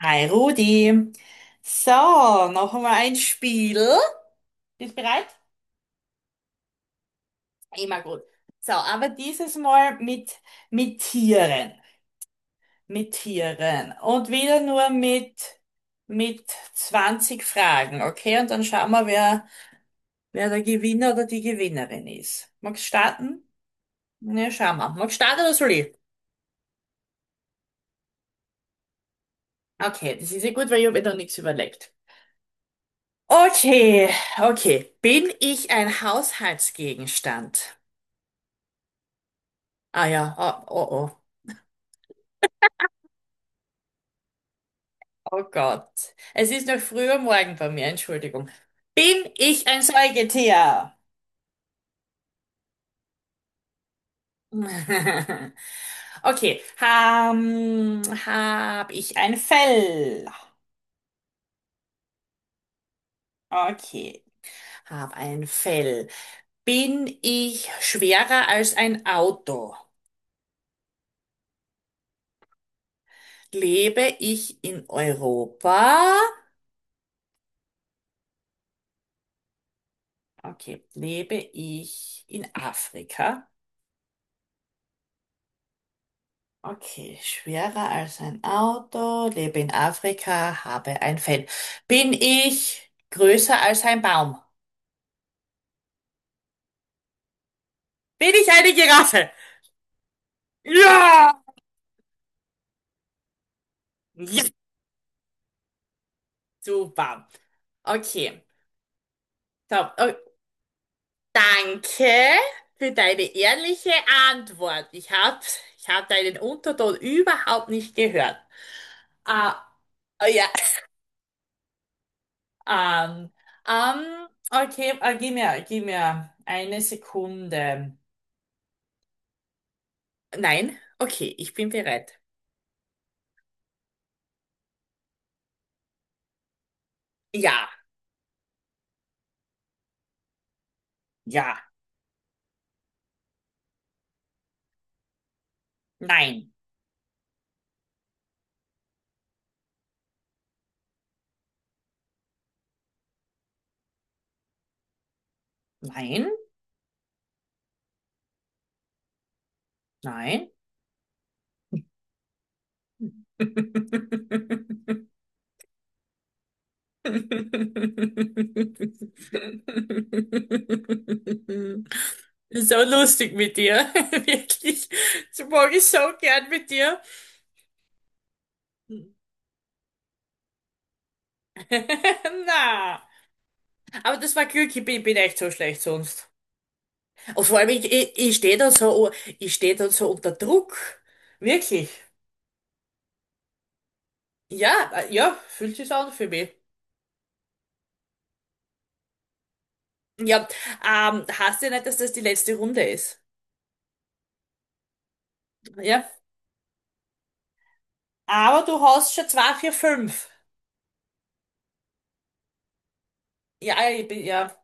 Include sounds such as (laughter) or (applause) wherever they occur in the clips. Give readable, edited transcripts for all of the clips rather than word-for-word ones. Hi Rudi. So, noch einmal ein Spiel. Bist bereit? Immer gut. So, aber dieses Mal mit Tieren. Mit Tieren. Und wieder nur mit 20 Fragen, okay? Und dann schauen wir, wer der Gewinner oder die Gewinnerin ist. Magst du starten? Ne, schauen wir. Magst du starten oder soll ich? Okay, das ist ja gut, weil ich habe mir da nichts überlegt. Okay, okay. Bin ich ein Haushaltsgegenstand? Ah ja, ah, oh, oh, oh Gott. Es ist noch früh am Morgen bei mir, Entschuldigung. Bin ich ein Säugetier? (laughs) Okay, hab ich ein Fell? Okay, hab ein Fell. Bin ich schwerer als ein Auto? Lebe ich in Europa? Okay, lebe ich in Afrika? Okay, schwerer als ein Auto, lebe in Afrika, habe ein Fell. Bin ich größer als ein Baum? Bin ich eine Giraffe? Ja! Ja, super. Okay, so, oh, danke für deine ehrliche Antwort. Ich hab deinen Unterton überhaupt nicht gehört. Ah, oh ja, ähm, okay, gib mir eine Sekunde. Nein, okay, ich bin bereit. Ja, ja, nein, nein, nein. (laughs) Das ist so lustig mit dir, (laughs) wirklich. Das mag ich so gern mit dir. (laughs) Na, aber das war Glück, bin echt so schlecht sonst. Und vor allem, ich stehe da ich stehe da so unter Druck. Wirklich. Ja, ja, fühlt sich an für mich. Ja, heißt ja nicht, dass das die letzte Runde ist. Ja. Aber du hast schon zwei, vier, fünf. Ja.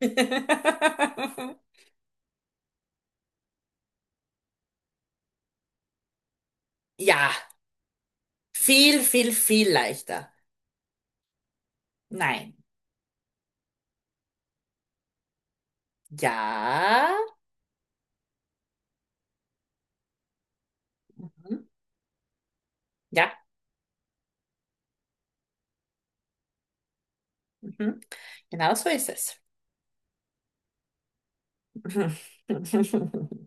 (laughs) Ja. Viel, viel, viel leichter. Nein. Ja. Mhm. Ja. Mhm. Genau so ist es. Mhm. (laughs)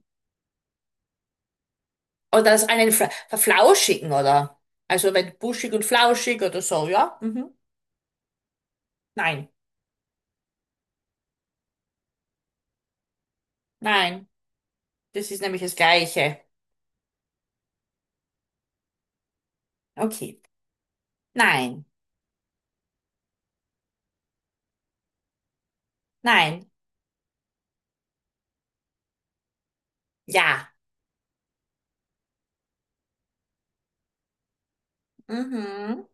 Oder so einen verflauschigen, oder? Also wenn buschig und flauschig oder so, ja? Mhm. Nein. Nein. Das ist nämlich das Gleiche. Okay. Nein. Nein. Ja. Mhm.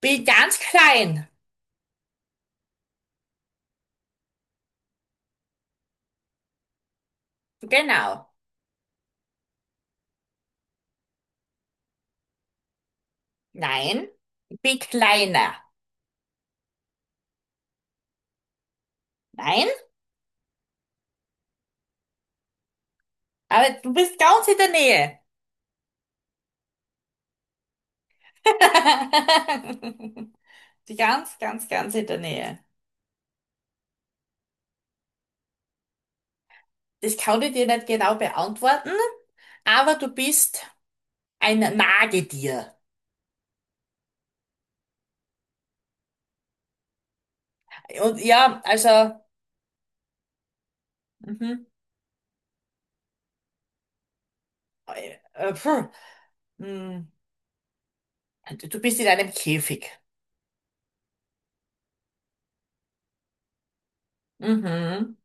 Bin ganz klein. Genau. Nein, bin kleiner. Nein, aber du bist ganz in der Nähe. (laughs) Ganz, ganz, ganz in der Nähe. Das kann ich dir nicht genau beantworten, aber du bist ein Nagetier. Und ja, mhm, puh, mh, du bist in einem Käfig. Mhm,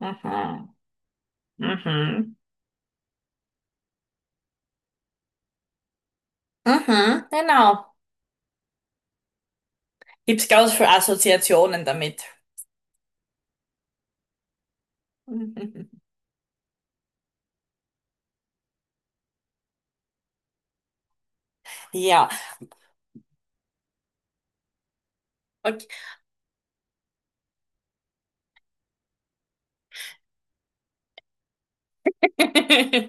mhm, mhm, mhm, genau. Gibt's ganz viele Assoziationen damit. (laughs) Ja. Okay. (laughs)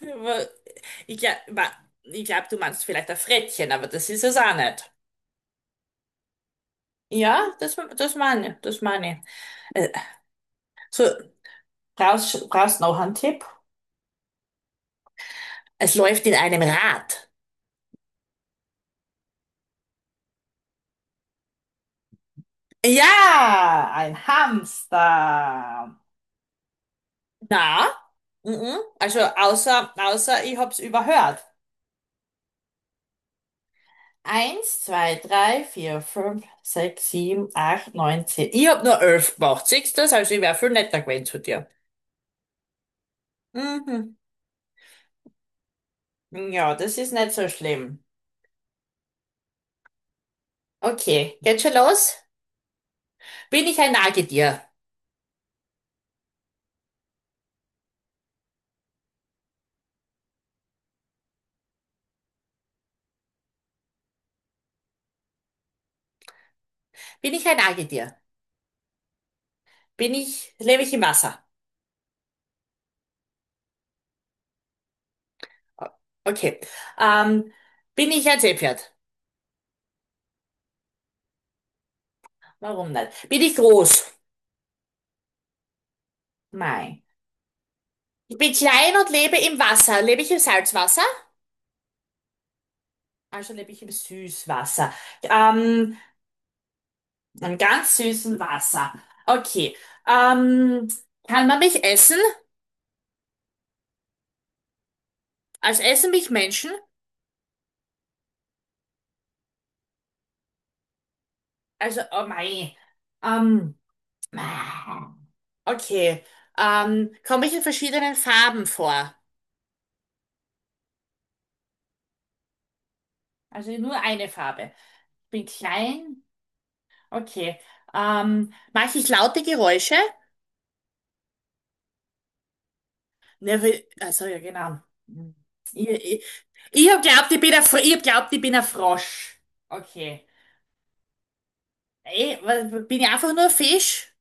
Aber Ich glaube, ich glaub, du meinst vielleicht ein Frettchen, aber das ist es auch nicht. Ja, das meine ich, das meine ich. So, brauchst noch einen Tipp? Es läuft in einem Rad. Ja, ein Hamster. Na? Mhm. Also außer ich hab's überhört. Eins, zwei, drei, vier, fünf, sechs, sieben, acht, neun, zehn. Ich hab nur 11 gemacht. Siehst du das? Also ich wär viel netter gewesen zu dir. Mhm. Ja, das ist nicht so schlimm. Okay, geht schon los? Bin ich ein Nagetier? Bin ich ein Nagetier? Lebe ich im Wasser? O- Okay. Ähm, bin ich ein Seepferd? Warum nicht? Bin ich groß? Nein. Ich bin klein und lebe im Wasser. Lebe ich im Salzwasser? Also lebe ich im Süßwasser. Ähm, Einen ganz süßen Wasser. Okay. Ähm, kann man mich essen? Also essen mich Menschen? Also, oh mein. Ähm, ah, okay. Komme ich in verschiedenen Farben vor? Also nur eine Farbe. Ich bin klein. Okay. Mache ich laute Geräusche? Also ja, genau. Ich, ich, ich hab glaubt, ich bin ein, Fr- ich hab glaubt, ich bin ein Frosch. Okay. Bin ich einfach nur ein Fisch?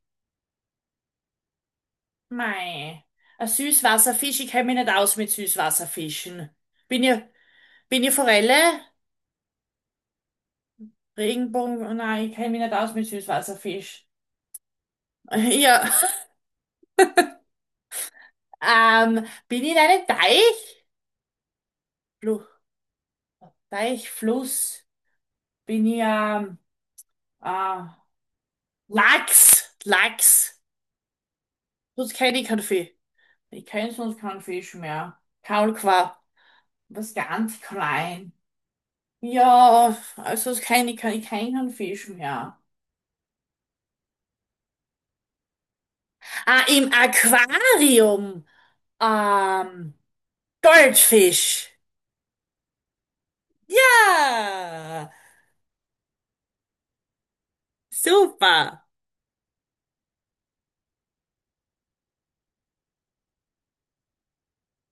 Mei, ein Süßwasserfisch, ich kenne mich nicht aus mit Süßwasserfischen. Bin ich, bin ich Forelle? Regenbogen? Nein, ich kenne mich nicht aus mit Süßwasserfisch. (laughs) Ja, bin ich in einem Teich? Flu Teich, Fluss? Bin ich, ähm, äh, Lachs? Lachs? Sonst kenne ich keinen Fisch. Ich kenne sonst keinen Fisch mehr. Was ganz klein. Ja, also sonst kenne ich, kein- ich kenn keinen Fisch mehr. Ah, im Aquarium. Ähm, Goldfisch. Ja, super.